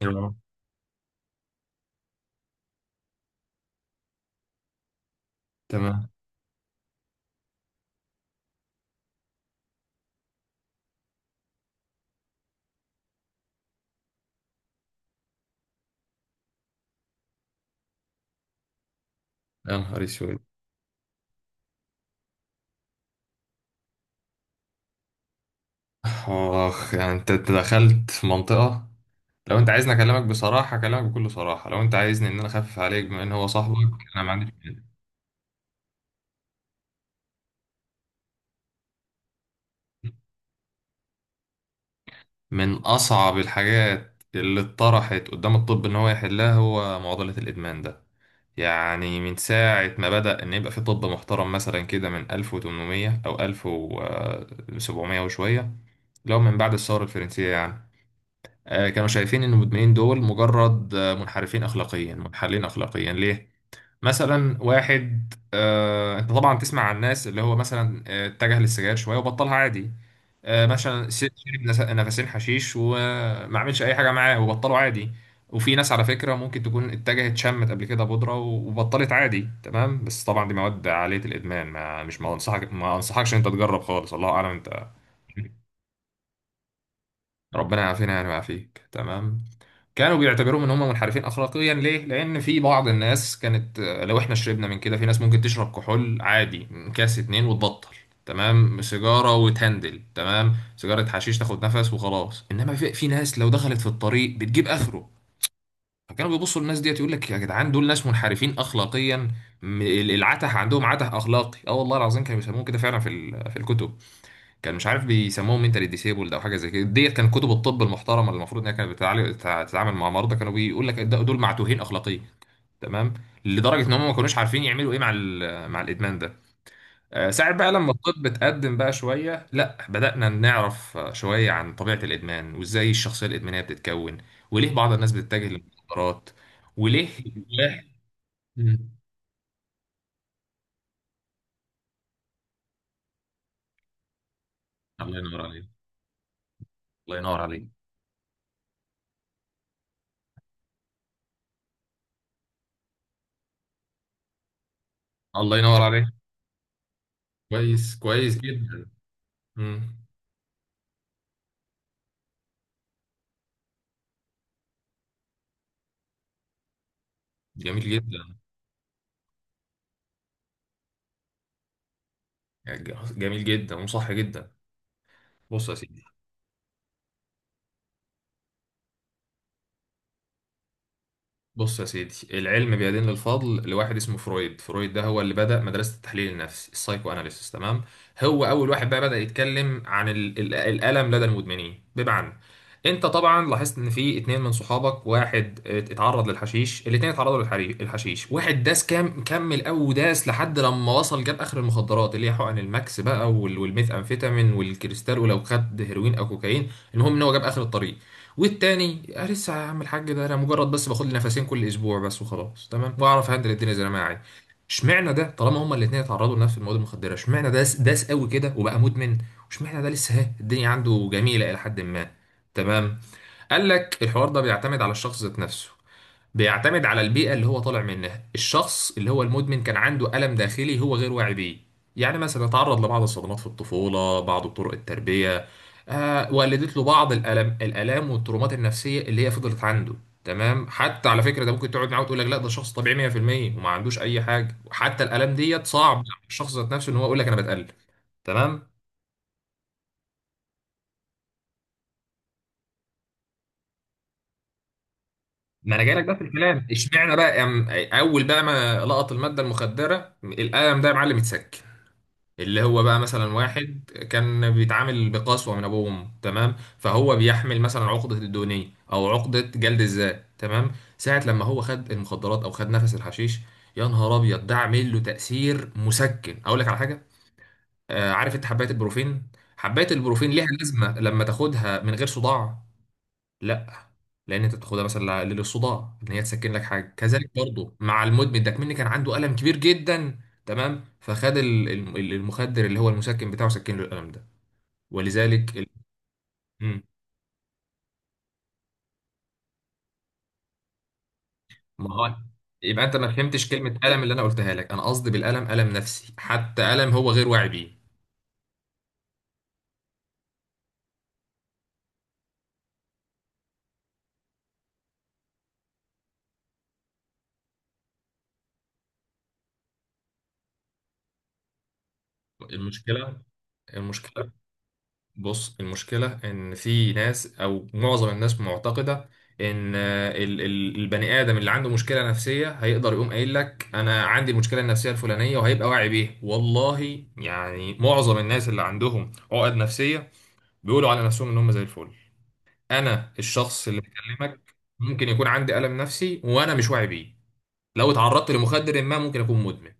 تمام. تمام. يا نهار اسود. اخ، يعني أنت دخلت في منطقة. لو انت عايزني اكلمك بكل صراحة. لو انت عايزني ان انا اخفف عليك بما ان هو صاحبك، انا ما عنديش مانع. من اصعب الحاجات اللي اتطرحت قدام الطب ان هو يحلها، هو معضلة الادمان ده. يعني من ساعة ما بدأ ان يبقى في طب محترم مثلا كده، من 1800 او 1700 وشوية، لو من بعد الثورة الفرنسية يعني. كانوا شايفين ان المدمنين دول مجرد منحرفين اخلاقيا، منحلين اخلاقيا. ليه؟ مثلا واحد، انت طبعا تسمع عن الناس اللي هو مثلا اتجه للسجاير شويه وبطلها عادي. مثلا شرب نفسين حشيش وما عملش اي حاجه معاه وبطله عادي. وفي ناس على فكره ممكن تكون اتجهت شمت قبل كده بودره وبطلت عادي، تمام، بس طبعا دي مواد عاليه الادمان، ما انصحكش ان انت تجرب خالص. الله اعلم انت. ربنا يعافينا يعني، ويعافيك. تمام. كانوا بيعتبروهم ان هم منحرفين اخلاقيا. ليه؟ لان في بعض الناس كانت، لو احنا شربنا من كده، في ناس ممكن تشرب كحول عادي، كاس اتنين وتبطل. تمام، سيجاره وتهندل، تمام، سيجاره حشيش تاخد نفس وخلاص. انما في ناس لو دخلت في الطريق بتجيب اخره. فكانوا بيبصوا للناس ديت، يقول لك يا جدعان، دول ناس منحرفين اخلاقيا. العته، عندهم عته اخلاقي. اه والله العظيم كانوا بيسموه كده فعلا، في الكتب، كان مش عارف بيسموهم منتالي ديسيبلد او حاجه زي كده ديت. كان كتب الطب المحترمه اللي المفروض انها كانت بتتعامل مع مرضى، كانوا بيقول لك دول معتوهين اخلاقيا. تمام، لدرجه ان هم ما كانوش عارفين يعملوا ايه مع الادمان ده. ساعة بقى لما الطب اتقدم بقى شويه، لا بدانا نعرف شويه عن طبيعه الادمان وازاي الشخصيه الادمانيه بتتكون. وليه بعض الناس بتتجه للمخدرات. وليه الواحد- مم. الله ينور عليك. الله ينور عليك. الله ينور عليك. كويس، كويس جدا. مم. جميل جدا. جميل جدا وصح جدا. بص يا سيدي. بص يا سيدي، العلم بيدين للفضل لواحد اسمه فرويد. فرويد ده هو اللي بدأ مدرسة التحليل النفسي، السايكو اناليسيس. تمام. هو اول واحد بقى بدأ يتكلم عن ال ال الألم لدى المدمنين. بمعنى، انت طبعا لاحظت ان في اتنين من صحابك، واحد اتعرض للحشيش. الاتنين اتعرضوا للحشيش. واحد داس كام كمل، او داس لحد لما وصل جاب اخر المخدرات اللي هي حقن الماكس بقى، والميثامفيتامين والكريستال، ولو خد هيروين او كوكايين. المهم ان هو جاب اخر الطريق. والتاني، أنا لسه يا عم الحاج ده، أنا مجرد بس باخد لي نفسين كل أسبوع بس وخلاص، تمام، وأعرف هندل الدنيا زي ما أنا عايز. اشمعنى ده؟ طالما هما الاتنين اتعرضوا لنفس المواد المخدرة، اشمعنى ده داس قوي كده وبقى مدمن، واشمعنى ده لسه ها الدنيا عنده جميلة إلى حد ما. تمام. قال لك الحوار ده بيعتمد على الشخص ذات نفسه، بيعتمد على البيئة اللي هو طالع منها. الشخص اللي هو المدمن كان عنده ألم داخلي هو غير واعي بيه. يعني مثلا تعرض لبعض الصدمات في الطفولة، بعض طرق التربية، آه ولدت له بعض الألم، الآلام والترومات النفسية اللي هي فضلت عنده. تمام، حتى على فكرة، ده ممكن تقعد معاه وتقول لك لا ده شخص طبيعي 100%، وما عندوش أي حاجة. وحتى الآلام ديت صعب على الشخص ذات نفسه إن هو يقول لك أنا بتألم. تمام. ما انا جايلك بقى في الكلام، اشمعنى بقى، اول بقى ما لقط الماده المخدره الالم ده يا معلم اتسك. اللي هو بقى مثلا واحد كان بيتعامل بقسوة من ابوه وامه، تمام، فهو بيحمل مثلا عقدة الدونية او عقدة جلد الذات. تمام، ساعة لما هو خد المخدرات او خد نفس الحشيش، يا نهار ابيض، ده عامل له تأثير مسكن. اقول لك على حاجة، عارف انت حباية البروفين؟ حباية البروفين ليها لازمة لما تاخدها من غير صداع؟ لا. لان انت تاخدها مثلا للصداع، ان هي تسكن لك حاجه. مم. كذلك برضو مع المدمن ده، كمان كان عنده الم كبير جدا. تمام، فخد المخدر اللي هو المسكن بتاعه سكن له الالم ده. ولذلك ال... مم. ما هو، يبقى انت ما فهمتش كلمه الم اللي انا قلتها لك. انا قصدي بالالم الم نفسي، حتى الم هو غير واعي بيه. المشكله المشكله بص، المشكلة إن في ناس أو معظم الناس معتقدة إن البني آدم اللي عنده مشكلة نفسية هيقدر يقوم قايل لك أنا عندي المشكلة النفسية الفلانية وهيبقى واعي بيه. والله يعني معظم الناس اللي عندهم عقد نفسية بيقولوا على نفسهم إن هم زي الفل. أنا الشخص اللي بكلمك ممكن يكون عندي ألم نفسي وأنا مش واعي بيه. لو اتعرضت لمخدر ما ممكن أكون مدمن.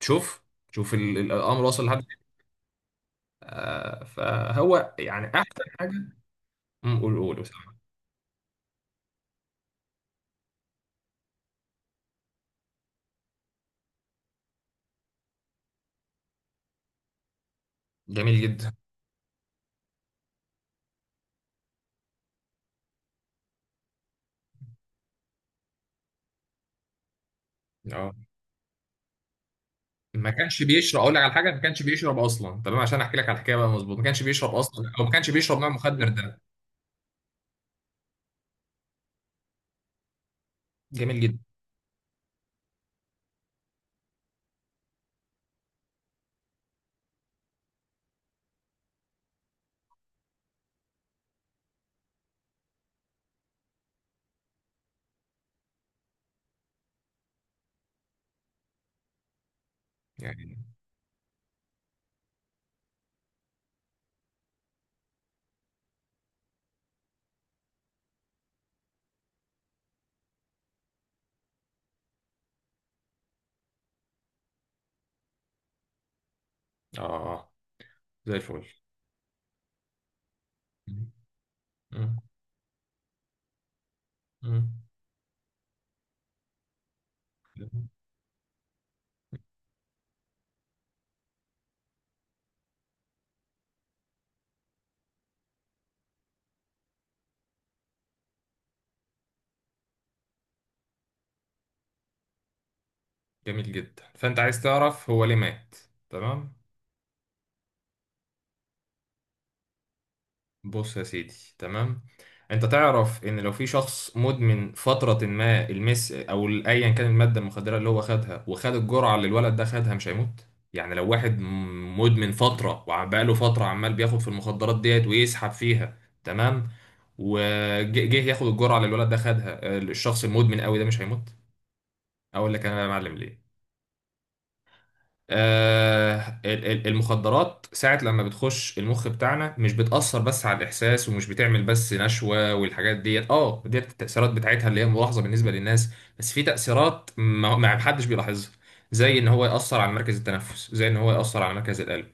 شوف، شوف الأمر واصل لحد فين. فهو يعني أحسن حاجة. قول، قول. جميل جدا. اه، ما كانش بيشرب. اقول لك على حاجه، ما كانش بيشرب اصلا، تمام. عشان احكي لك على الحكايه بقى، مظبوط، ما كانش بيشرب اصلا، او ما كانش بيشرب نوع المخدر ده. جميل جدا. يعني، اه، زي الفل. مم. مم. جميل جدا. فانت عايز تعرف هو ليه مات. تمام. بص يا سيدي. تمام، انت تعرف ان لو في شخص مدمن فترة ما المس او ايا كان المادة المخدرة اللي هو خدها، وخد الجرعة اللي الولد ده خدها، مش هيموت. يعني لو واحد مدمن فترة، وبقاله فترة عمال بياخد في المخدرات ديت ويسحب فيها، تمام، وجه ياخد الجرعة اللي الولد ده خدها، الشخص المدمن قوي ده مش هيموت. اقول لك انا بقى يا معلم ليه. المخدرات ساعة لما بتخش المخ بتاعنا مش بتأثر بس على الإحساس، ومش بتعمل بس نشوة والحاجات ديت التأثيرات بتاعتها اللي هي ملاحظة بالنسبة للناس. بس في تأثيرات ما محدش بيلاحظها، زي إن هو يأثر على مركز التنفس، زي إن هو يأثر على مركز القلب.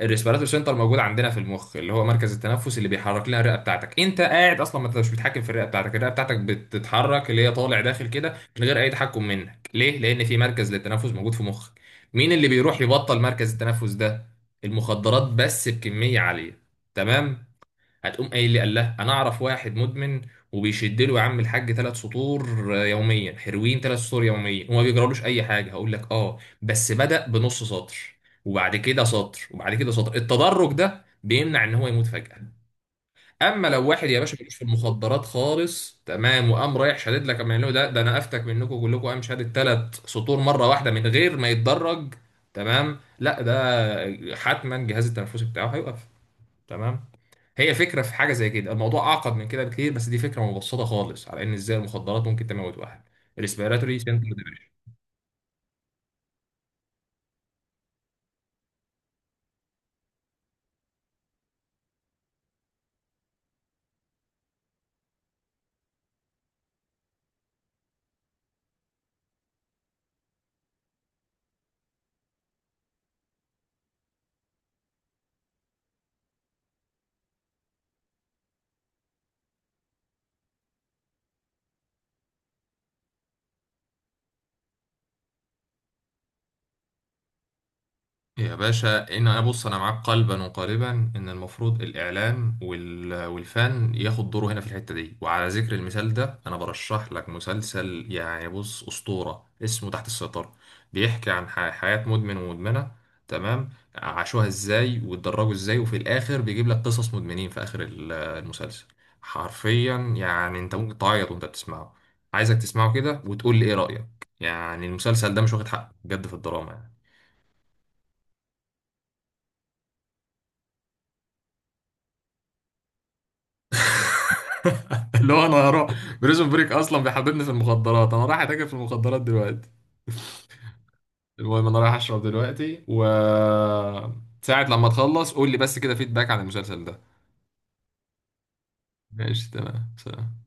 الريسبيراتور سنتر موجود عندنا في المخ، اللي هو مركز التنفس اللي بيحرك لنا الرئة بتاعتك. انت قاعد اصلا، ما انت مش بتتحكم في الرئة بتاعتك، الرئة بتاعتك بتتحرك اللي هي طالع داخل كده من غير اي تحكم منك. ليه؟ لان في مركز للتنفس موجود في مخك. مين اللي بيروح يبطل مركز التنفس ده؟ المخدرات، بس بكمية عالية. تمام. هتقوم قايل لي قال لا انا اعرف واحد مدمن وبيشد له يا عم الحاج 3 سطور يوميا، هيروين 3 سطور يوميا وما بيجرالوش اي حاجه. هقول لك اه، بس بدأ بنص سطر، وبعد كده سطر، وبعد كده سطر. التدرج ده بيمنع ان هو يموت فجأة. اما لو واحد يا باشا ملوش في المخدرات خالص، تمام، وقام رايح شادد لك قام قايل له ده، ده انا افتك منكم كلكم، قام شادد 3 سطور مره واحده من غير ما يتدرج. تمام، لا ده حتما الجهاز التنفسي بتاعه هيوقف. تمام. هي فكره في حاجه زي كده، الموضوع اعقد من كده بكتير، بس دي فكره مبسطه خالص على ان ازاي المخدرات ممكن تموت واحد. الريسبيراتوري سيندروم. يا باشا، ان انا، بص انا معاك قلبا وقالبا، ان المفروض الاعلام والفن ياخد دوره هنا في الحته دي. وعلى ذكر المثال ده، انا برشح لك مسلسل يعني، بص، اسطوره، اسمه تحت السيطره. بيحكي عن حياه مدمن ومدمنه. تمام، عاشوها ازاي واتدرجوا ازاي، وفي الاخر بيجيب لك قصص مدمنين في اخر المسلسل. حرفيا يعني انت ممكن تعيط وانت بتسمعه. عايزك تسمعه كده وتقول لي ايه رايك. يعني المسلسل ده مش واخد حقه بجد في الدراما يعني. اللي هو، انا هروح بريزون بريك اصلا بيحببني في المخدرات، انا رايح اتاجر في المخدرات دلوقتي. المهم انا رايح اشرب دلوقتي و ساعة لما تخلص قول لي بس كده فيدباك عن المسلسل ده. ماشي، تمام، سلام.